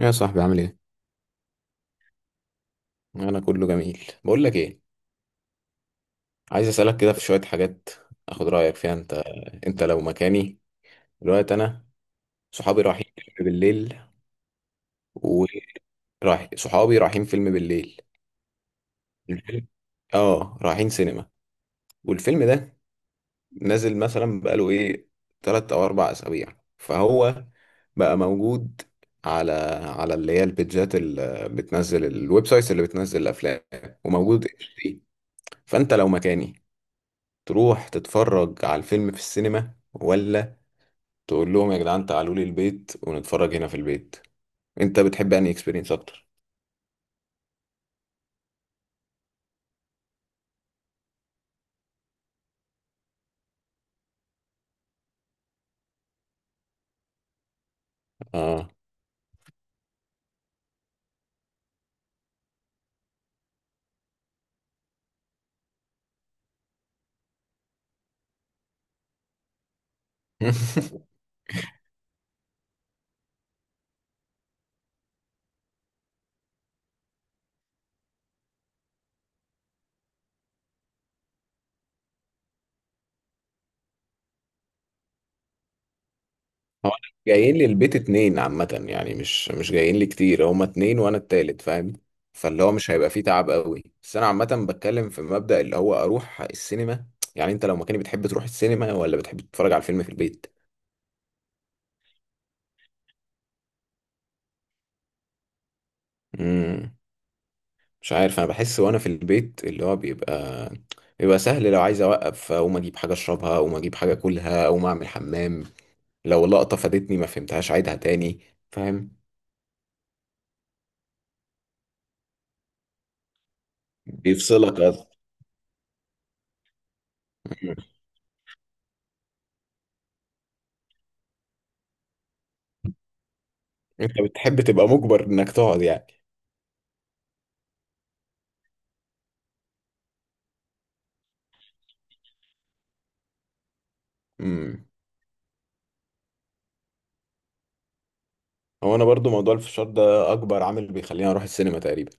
يا صاحبي عامل ايه؟ انا كله جميل، بقول لك ايه، عايز اسالك كده في شويه حاجات اخد رايك فيها انت لو مكاني دلوقتي انا صحابي رايحين فيلم بالليل. ورايح صحابي رايحين فيلم بالليل الفيلم، اه رايحين سينما. والفيلم ده نازل مثلا بقاله ايه، 3 او 4 اسابيع، فهو بقى موجود على اللي هي البيتجات اللي بتنزل، الويب سايتس اللي بتنزل الافلام، وموجود HD. فانت لو مكاني تروح تتفرج على الفيلم في السينما، ولا تقول لهم يا جدعان تعالوا لي البيت ونتفرج هنا في البيت؟ انت بتحب انهي اكسبيرينس اكتر؟ اه هو أنا جايين لي البيت 2 عامة، يعني مش جايين لي كتير، هما 2 وانا التالت، فاهم؟ فاللي هو مش هيبقى فيه تعب قوي، بس انا عامة بتكلم في مبدأ اللي هو اروح السينما. يعني انت لو مكاني بتحب تروح السينما ولا بتحب تتفرج على الفيلم في البيت؟ امم، مش عارف، انا بحس وانا في البيت اللي هو بيبقى سهل لو عايز اوقف اقوم اجيب حاجه اشربها، اقوم اجيب حاجه اكلها، اقوم اعمل حمام، لو لقطه فادتني ما فهمتهاش عيدها تاني، فاهم؟ بيفصلك أصلاً. مم. انت بتحب تبقى مجبر انك تقعد يعني؟ امم، هو انا برضو موضوع الفشار ده اكبر عامل بيخليني اروح السينما تقريبا.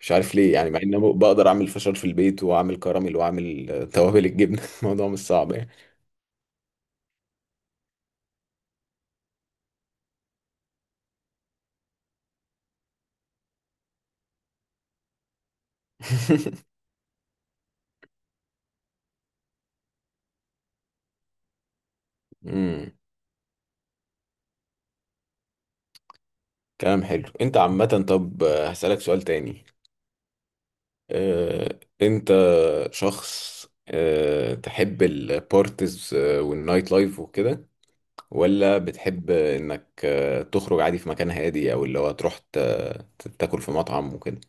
مش عارف ليه، يعني مع ان أنا بقدر اعمل فشار في البيت واعمل كراميل واعمل توابل الجبنه الموضوع مش صعب يعني. امم كلام حلو انت عامه. طب هسألك سؤال تاني. انت شخص تحب البارتيز والنايت لايف وكده، ولا بتحب انك تخرج عادي في مكان هادي، او اللي هو تروح تاكل في مطعم وكده؟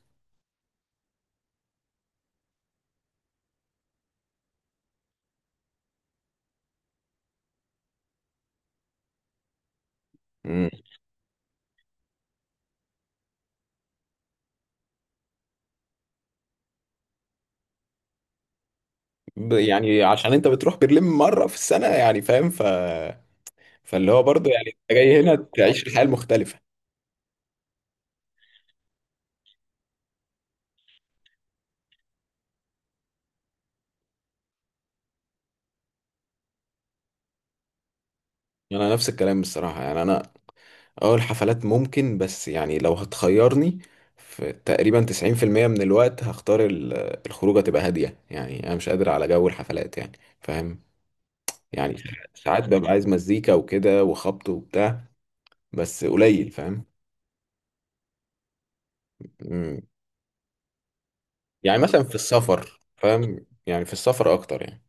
مم. يعني عشان انت بتروح برلين مرة في السنة، يعني فاهم، فاللي هو برضه يعني انت جاي هنا تعيش الحياة المختلفة. انا نفس الكلام بصراحة، يعني انا اه الحفلات ممكن، بس يعني لو هتخيرني، في تقريبا 90% من الوقت هختار الخروجة تبقى هادية، يعني أنا مش قادر على جو الحفلات يعني، فاهم؟ يعني ساعات ببقى عايز مزيكا وكده وخبط وبتاع، بس قليل، فاهم؟ مم. يعني مثلا في السفر، فاهم، يعني في السفر أكتر يعني.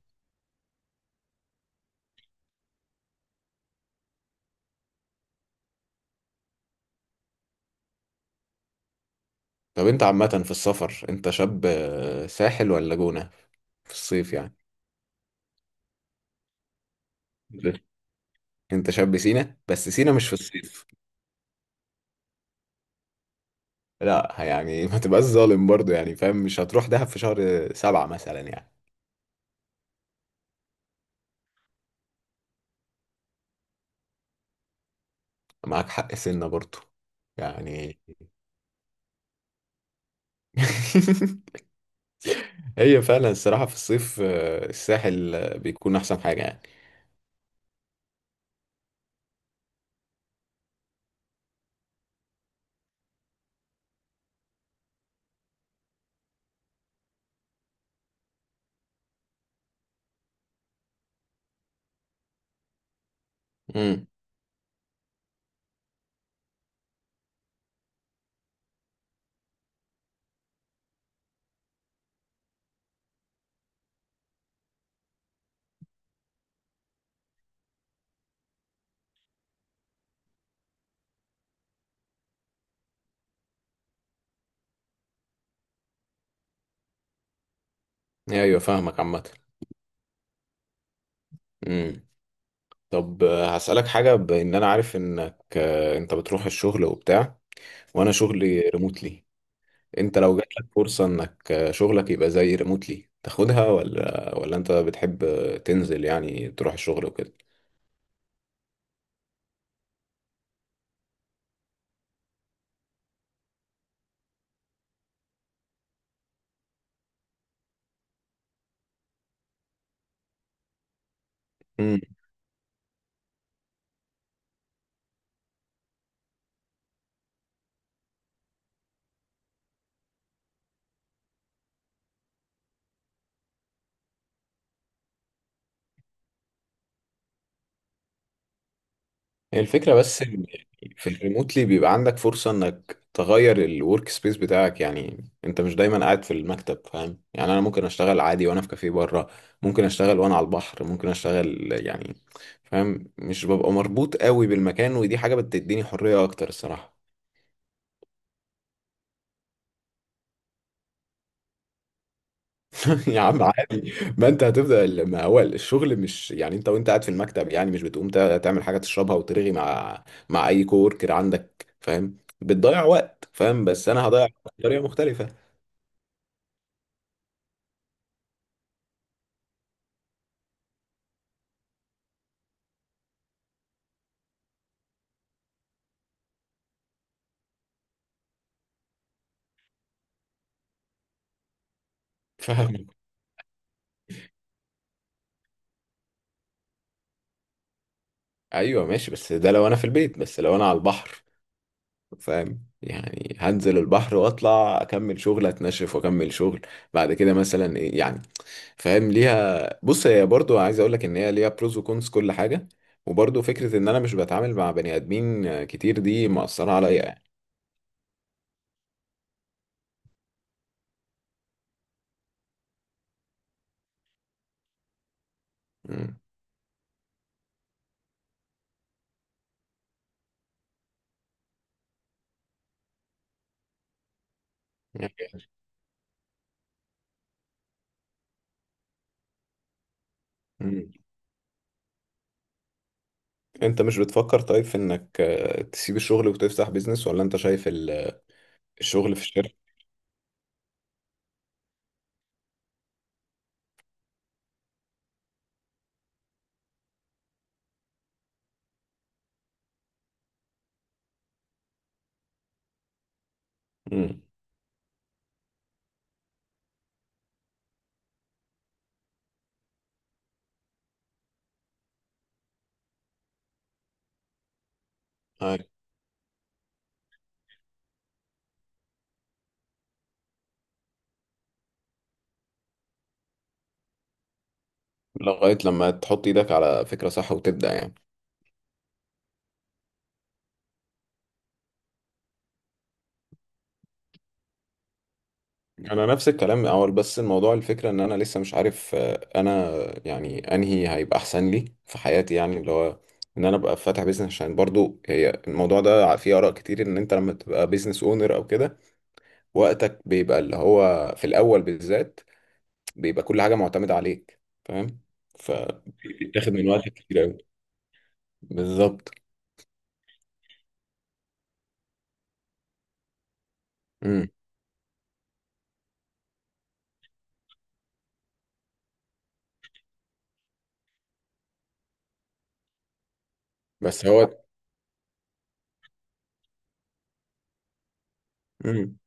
طب أنت عامة في السفر أنت شاب ساحل ولا جونة في الصيف يعني؟ أنت شاب سينا، بس سينا مش في الصيف، لا يعني ما تبقاش ظالم برضو يعني فاهم، مش هتروح دهب في شهر 7 مثلا يعني. معاك حق سنة برضو يعني. هي فعلا الصراحة في الصيف الساحل بيكون أحسن حاجة يعني. امم، أيوة، فاهمك عامة. امم طب هسألك حاجة، بإن أنا عارف إنك أنت بتروح الشغل وبتاع، وأنا شغلي ريموتلي. أنت لو جاتلك فرصة إنك شغلك يبقى زي ريموتلي تاخدها، ولا أنت بتحب تنزل يعني تروح الشغل وكده؟ هي الفكرة بس إن يعني في الريموتلي بيبقى عندك فرصة انك تغير الورك سبيس بتاعك، يعني انت مش دايما قاعد في المكتب، فاهم يعني؟ انا ممكن اشتغل عادي وانا في كافيه بره، ممكن اشتغل وانا على البحر، ممكن اشتغل يعني، فاهم؟ مش ببقى مربوط قوي بالمكان، ودي حاجة بتديني حرية اكتر الصراحة. يا عم عادي. ما انت هتبدا ما هو الشغل مش يعني انت وانت قاعد في المكتب يعني مش بتقوم تعمل حاجه تشربها وترغي مع اي كوركر عندك، فاهم؟ بتضيع وقت، فاهم؟ بس انا هضيع وقت بطريقه مختلفه، فاهم؟ ايوه ماشي، بس ده لو انا في البيت، بس لو انا على البحر، فاهم يعني؟ هنزل البحر واطلع اكمل شغل، اتنشف واكمل شغل، بعد كده مثلا ايه يعني، فاهم؟ ليها بص هي برضو، عايز اقول لك ان هي ليها بروز وكونز كل حاجه، وبرضو فكره ان انا مش بتعامل مع بني ادمين كتير دي مأثره عليا يعني. مم. يعني- مم. انت مش بتفكر طيب في انك تسيب الشغل وتفتح بيزنس، ولا انت شايف الشغل في الشركه؟ مم. أيوة. لغايه لما تحط ايدك على فكره صح وتبدأ يعني. انا نفس الكلام اول، بس الموضوع الفكره ان انا لسه مش عارف انا يعني انهي هيبقى احسن لي في حياتي، يعني اللي هو ان انا ابقى فاتح بيزنس، عشان برضو هي الموضوع ده فيه اراء كتير ان انت لما تبقى بيزنس اونر او كده وقتك بيبقى اللي هو في الاول بالذات بيبقى كل حاجه معتمده عليك، فاهم؟ فبيتاخد من وقتك كتير قوي. بالظبط. امم بس هو امم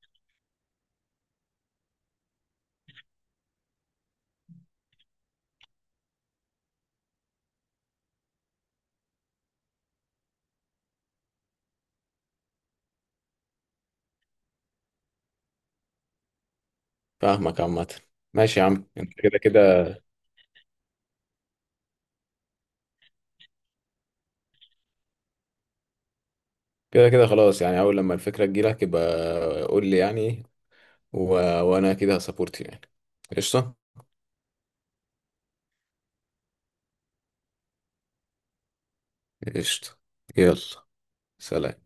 فاهمك عامه. ماشي يا عم، انت كده كده خلاص يعني، اول لما الفكره تجيلك يبقى قول لي يعني، و... وانا كده هسابورت يعني. قشطة. قشطة. يلا. سلام.